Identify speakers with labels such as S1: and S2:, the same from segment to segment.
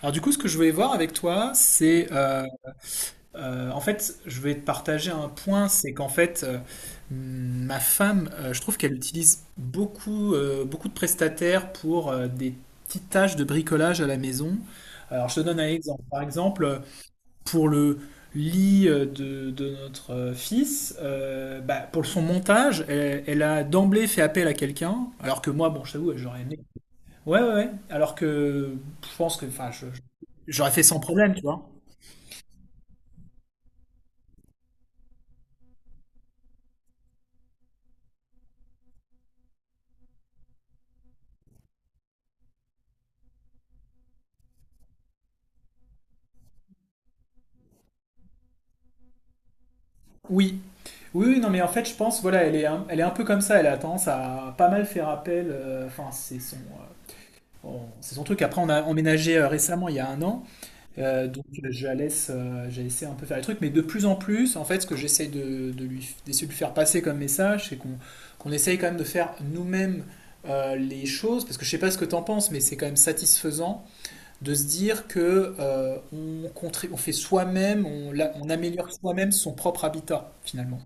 S1: Alors du coup, ce que je voulais voir avec toi, c'est en fait, je vais te partager un point, c'est qu'en fait, ma femme, je trouve qu'elle utilise beaucoup de prestataires pour des petites tâches de bricolage à la maison. Alors je te donne un exemple. Par exemple, pour le lit de notre fils, pour son montage, elle a d'emblée fait appel à quelqu'un, alors que moi, bon, je t'avoue, j'aurais aimé. Ouais, ouais, ouais. Alors que je pense que, enfin, j'aurais fait sans problème, tu vois. Oui. Oui, oui, non, mais en fait, je pense, voilà, elle est un peu comme ça, elle a tendance à pas mal faire appel, enfin, c'est son truc. Après, on a emménagé récemment, il y a un an, je la laisse, j'ai laissé un peu faire les trucs, mais de plus en plus, en fait, ce que j'essaye de lui, d'essayer de lui faire passer comme message, c'est qu'on essaye quand même de faire nous-mêmes les choses, parce que je sais pas ce que t'en penses, mais c'est quand même satisfaisant de se dire que on, on fait soi-même, on améliore soi-même son propre habitat finalement.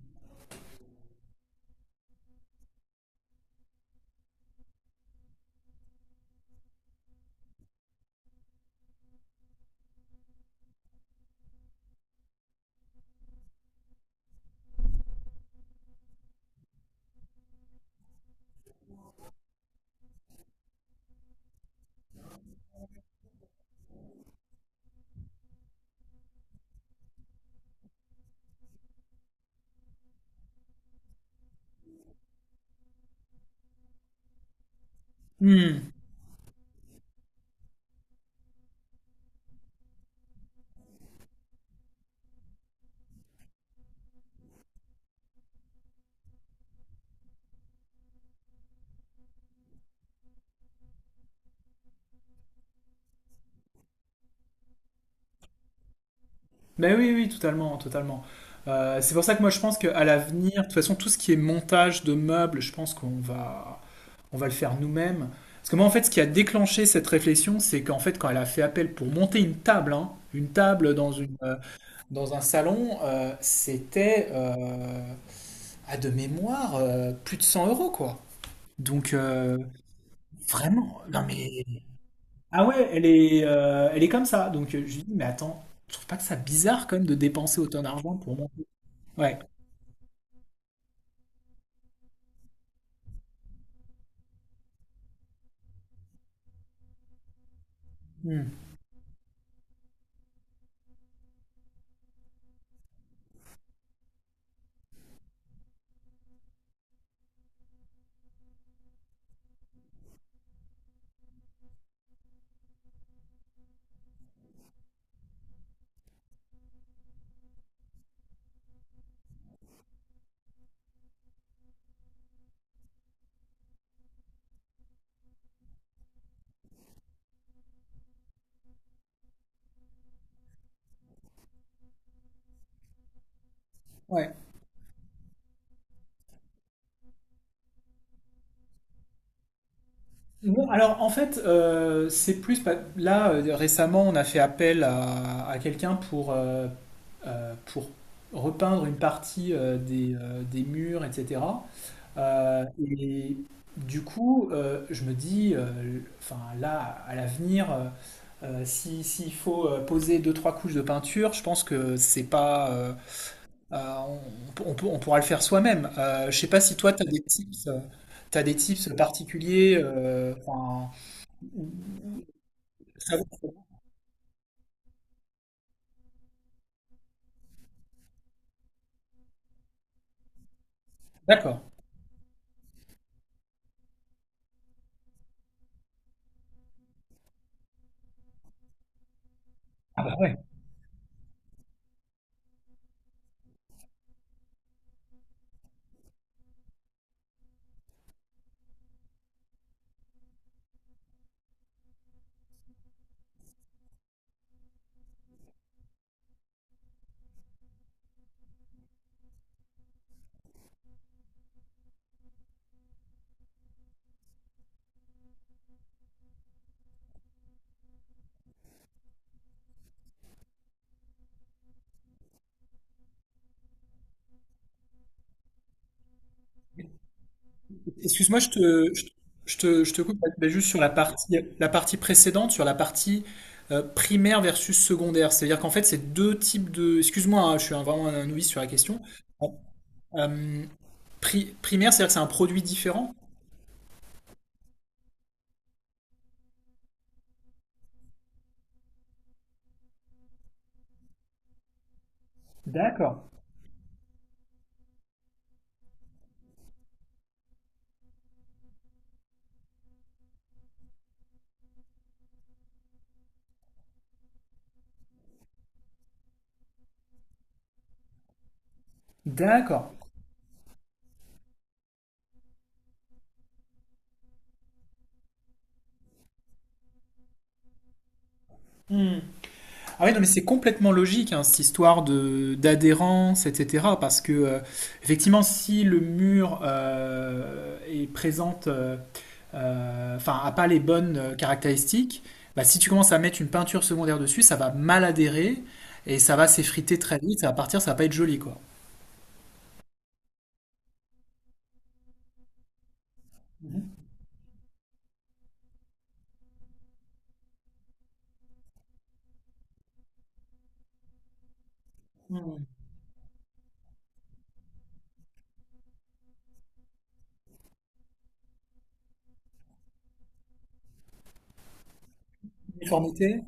S1: Hmm. Ben oui, oui, totalement, totalement. C'est pour ça que moi je pense qu'à l'avenir, de toute façon, tout ce qui est montage de meubles, je pense on va le faire nous-mêmes. Parce que moi, en fait, ce qui a déclenché cette réflexion, c'est qu'en fait, quand elle a fait appel pour monter une table, hein, une table dans dans un salon, c'était à de mémoire plus de 100 euros, quoi. Donc, euh. Vraiment? Non mais... Ah ouais, elle est comme ça. Donc je lui dis, mais attends, je trouve pas que ça bizarre quand même de dépenser autant d'argent pour moi. Ouais. Hmm. Ouais. Non, alors en fait, c'est plus. Là, récemment, on a fait appel à quelqu'un pour repeindre une partie des murs, etc. Et du coup, je me dis, enfin là, à l'avenir, si, s'il faut poser deux, trois couches de peinture, je pense que c'est pas, euh, on, on peut- on pourra le faire soi-même. Je sais pas si toi, tu as des tips, t'as des tips particuliers. Euh, enfin, ça- D'accord. Excuse-moi, je te coupe, mais juste sur la partie précédente, sur la partie primaire versus secondaire. C'est-à-dire qu'en fait, c'est deux types de... Excuse-moi, hein, vraiment un novice sur la question. Bon, euh, primaire, c'est-à-dire que c'est un produit différent? D'accord, d'accord. Ah oui, non, mais c'est complètement logique, hein, cette histoire de d'adhérence, etc. Parce que, effectivement, si le mur est présente, enfin, a pas les bonnes caractéristiques, bah, si tu commences à mettre une peinture secondaire dessus, ça va mal adhérer et ça va s'effriter très vite, ça va partir, ça va pas être joli, quoi. Hmm. Uniformité.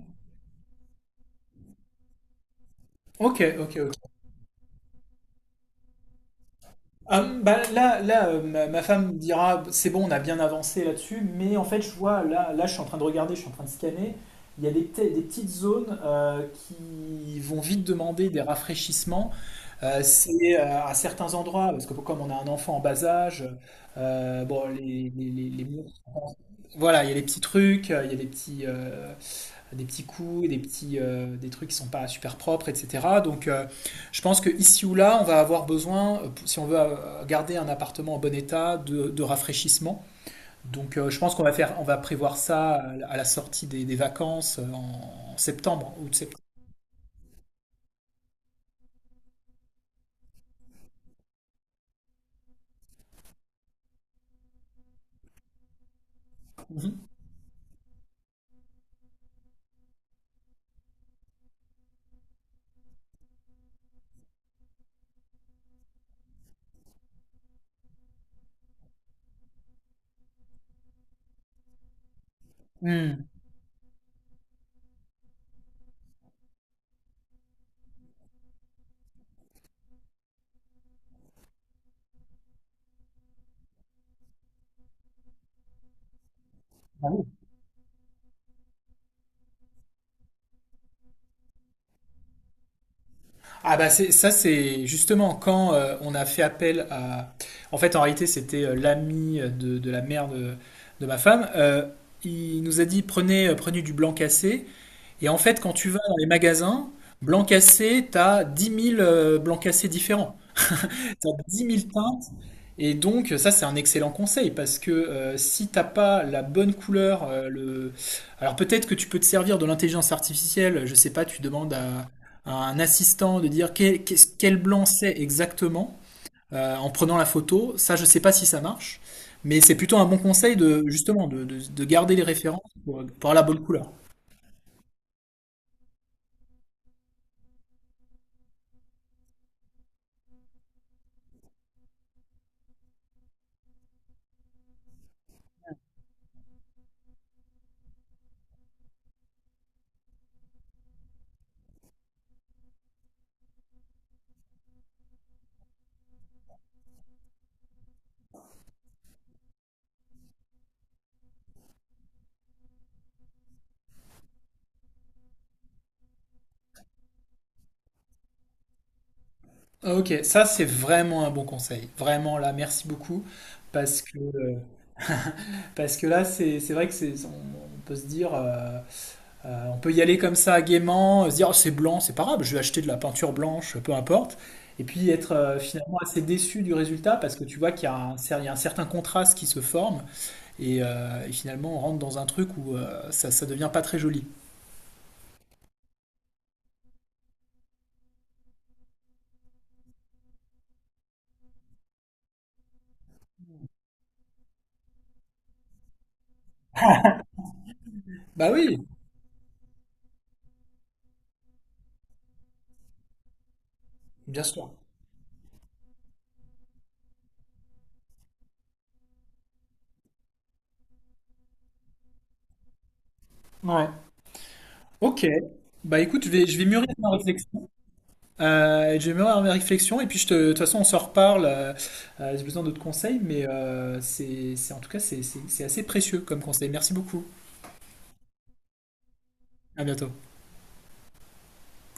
S1: Ok, ok, ok. Ah, bah, ma femme dira, c'est bon, on a bien avancé là-dessus, mais en fait, je vois, je suis en train de regarder, je suis en train de scanner, il y a des petites zones qui vont vite demander des rafraîchissements. C'est à certains endroits, parce que comme on a un enfant en bas âge, bon, les murs sont- Voilà, il y a des petits trucs, il y a des petits coups, des trucs qui ne sont pas super propres, etc. Donc je pense que ici ou là, on va avoir besoin, si on veut garder un appartement en bon état, de rafraîchissement. Donc je pense on va prévoir ça à la sortie des vacances en septembre ou de septembre. Mhm. Hmm. Ah bah c'est ça, c'est justement quand on a fait appel à en fait en réalité c'était de la mère de ma femme. Il nous a dit prenez du blanc cassé. Et en fait, quand tu vas dans les magasins, blanc cassé, t'as 10 000 blancs cassés différents. T'as 10 000 teintes. Et donc, ça, c'est un excellent conseil parce que si t'as pas la bonne couleur, le... alors peut-être que tu peux te servir de l'intelligence artificielle. Je sais pas, à un assistant de dire quel blanc c'est exactement en prenant la photo. Ça, je sais pas si ça marche, mais c'est plutôt un bon conseil de justement de garder les références pour avoir la bonne couleur. Ah, ok, ça c'est vraiment un bon conseil. Vraiment là, merci beaucoup. Parce que, euh, parce que là, c'est vrai que c'est, on peut se dire, on peut y aller comme ça gaiement, se dire oh, c'est blanc, c'est pas grave, je vais acheter de la peinture blanche, peu importe. Et puis être finalement assez déçu du résultat parce que tu vois qu'il y a il y a un certain contraste qui se forme et finalement on rentre dans un truc où ça devient pas très joli. Bah oui, bien sûr. Ouais. Ok. Bah écoute, je vais mûrir ma réflexion. Je vais me faire mes réflexions et puis de toute façon on se reparle. J'ai besoin d'autres conseils, mais en tout cas c'est assez précieux comme conseil. Merci beaucoup. À bientôt.